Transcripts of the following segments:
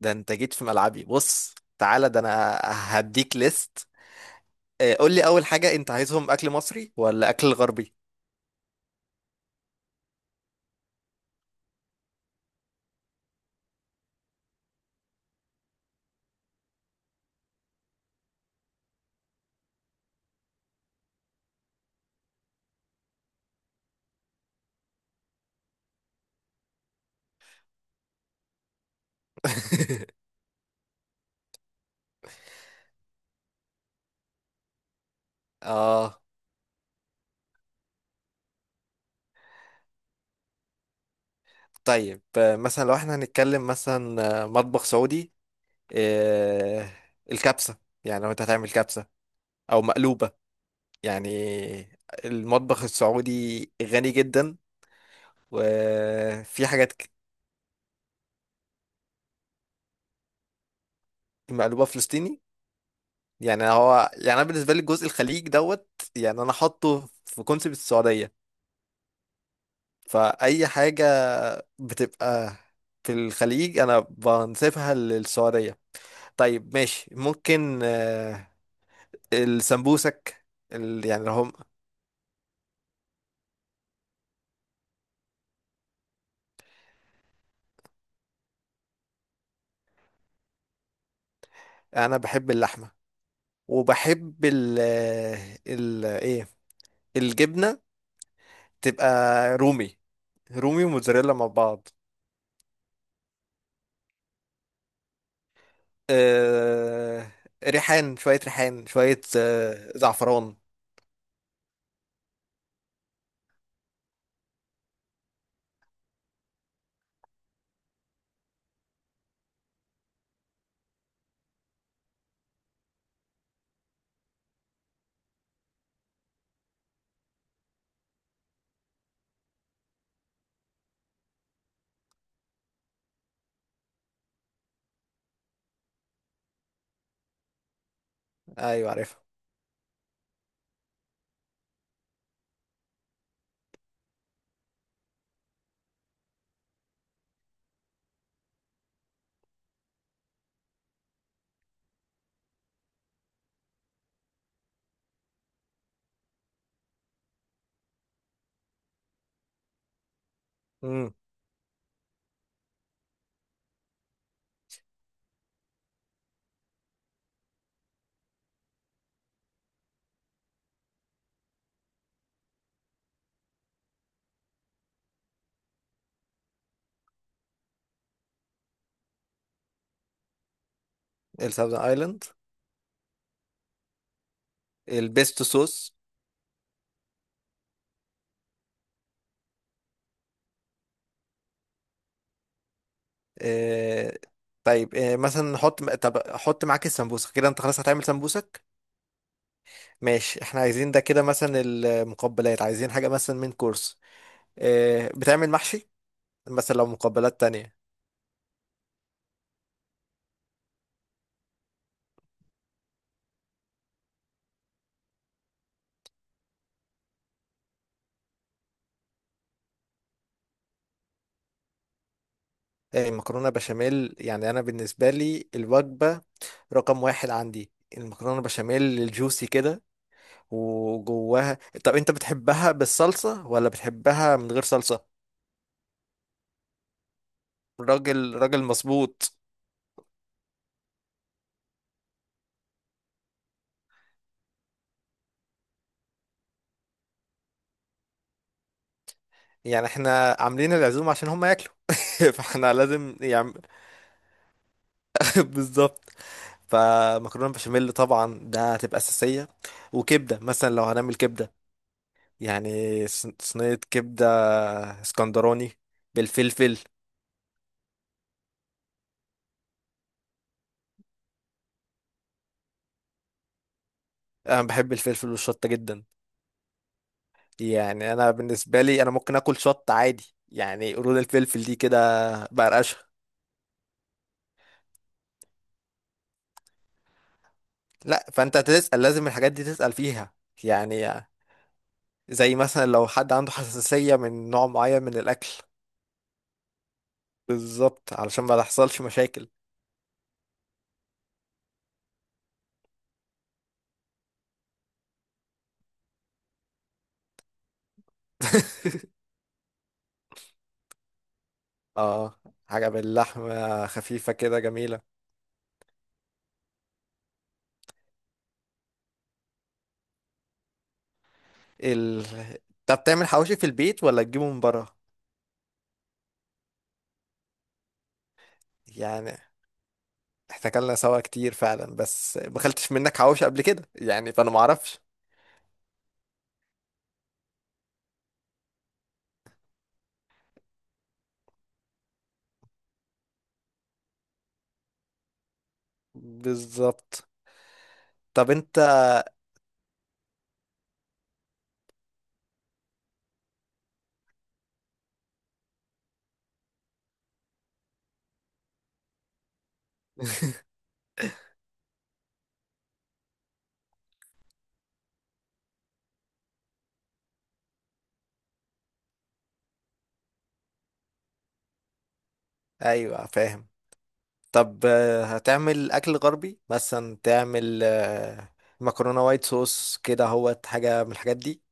ده انت جيت في ملعبي، بص تعالى، ده انا هديك ليست. آه، قول لي اول حاجة، انت عايزهم اكل مصري ولا اكل غربي؟ اه، طيب آه، مثلا لو احنا هنتكلم مثلا آه، مطبخ سعودي، آه، الكبسة. يعني لو انت هتعمل كبسة او مقلوبة، يعني المطبخ السعودي غني جدا، وفي حاجات ك-. مقلوبة فلسطيني، يعني هو يعني انا بالنسبة لي جزء الخليج دوت، يعني انا حاطه في كونسيبت السعودية، فأي حاجة بتبقى في الخليج أنا بنسيبها للسعودية. طيب ماشي، ممكن آه، السمبوسك، ال... يعني لو هم. أنا بحب اللحمة، وبحب ال... آه، ال... إيه، الجبنة. تبقى رومي، رومي وموتزاريلا مع بعض. آه، ريحان، شوية ريحان، شوية آه، زعفران. أيوة عارفها. مم. الساوزن ايلاند. البيستو صوص. آه، طيب آه، مثلا نحط، طب احط معاك السمبوسه كده، انت خلاص هتعمل سمبوسك. ماشي، احنا عايزين ده كده مثلا المقبلات، عايزين حاجه مثلا من كورس آه، بتعمل محشي مثلا، لو مقبلات تانية. آه، مكرونه بشاميل، يعني انا بالنسبه لي الوجبه رقم واحد عندي المكرونه بشاميل الجوسي كده وجواها. طب انت بتحبها بالصلصه ولا بتحبها من غير صلصه؟ راجل راجل، مظبوط. يعني احنا عاملين العزومة عشان هم ياكلوا، فاحنا لازم يعني. بالظبط. فمكرونة بشاميل طبعا ده هتبقى أساسية، وكبدة مثلا لو هنعمل كبدة، يعني صينية كبدة اسكندراني بالفلفل. أنا بحب الفلفل والشطة جدا. يعني أنا بالنسبة لي أنا ممكن آكل شطة عادي، يعني قرود الفلفل دي كده بقرقشها. لا فأنت تسأل، لازم الحاجات دي تسأل فيها، يعني زي مثلا لو حد عنده حساسية من نوع معين من الأكل. بالظبط، علشان ما تحصلش مشاكل. اه، حاجة باللحمة خفيفة كده جميلة. ال... طب بتعمل حواوشي في البيت ولا تجيبه من بره؟ يعني احنا اكلنا سوا كتير فعلا، بس ما اكلتش منك حواوشي قبل كده يعني، فانا ما اعرفش. بالظبط. طب انت. ايوه فاهم. طب آه، هتعمل اكل غربي، مثلا تعمل آه، مكرونة وايت صوص كده، هو حاجة من الحاجات دي.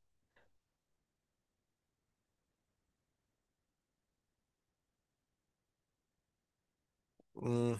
مم.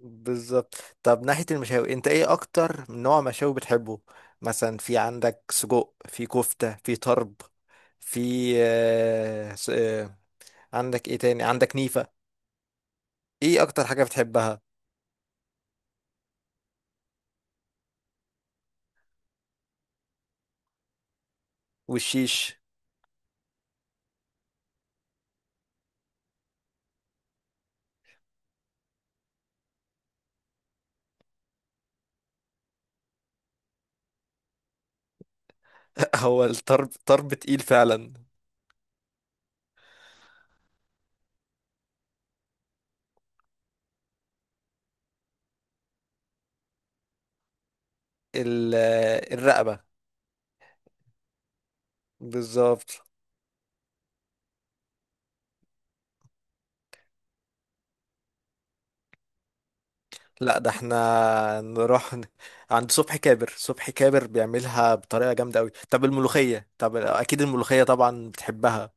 بالظبط. طب ناحية المشاوي، انت ايه اكتر نوع مشاوي بتحبه؟ مثلا في عندك سجق، في كفتة، في طرب، في آه، عندك ايه تاني؟ عندك نيفة. ايه اكتر حاجة بتحبها؟ والشيش. هو الطرب طرب تقيل فعلا. ال- آه، الرقبة. بالظبط. لا ده احنا نروح عند صبحي كابر، صبحي كابر بيعملها بطريقة جامدة قوي. طب الملوخية، طب اكيد الملوخية طبعا بتحبها.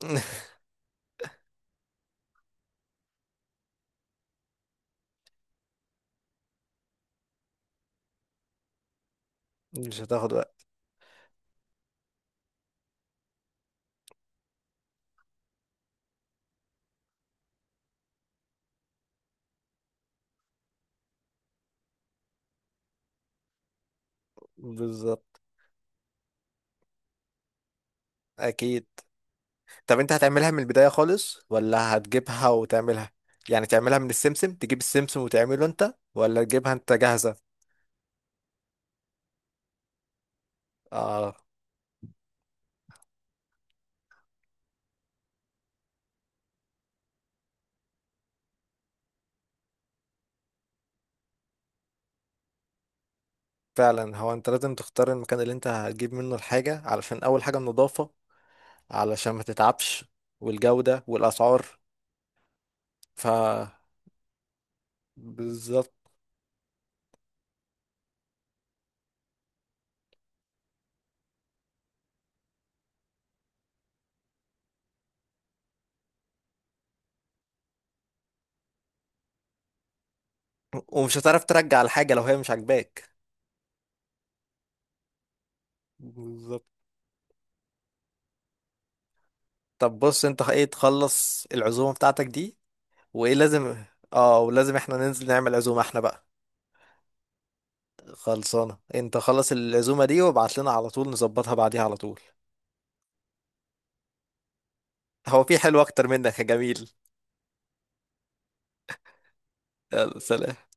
مش هتاخد. بالظبط. اكيد. طب انت هتعملها من البداية خالص ولا هتجيبها وتعملها؟ يعني تعملها من السمسم، تجيب السمسم وتعمله انت، ولا تجيبها انت جاهزة؟ اه. فعلا، هو انت لازم تختار المكان اللي انت هتجيب منه الحاجة، علشان اول حاجة النظافة، علشان ما تتعبش. والجودة والاسعار. ف بالظبط. ومش هتعرف ترجع الحاجة لو هي مش عاجباك. بالظبط. طب بص انت ايه تخلص العزومة بتاعتك دي، وايه لازم. اه، ولازم احنا ننزل نعمل عزومة احنا بقى. خلصانة، انت خلص العزومة دي وابعت لنا على طول نظبطها بعديها على طول. هو في حلو اكتر منك يا جميل؟ يلا سلام.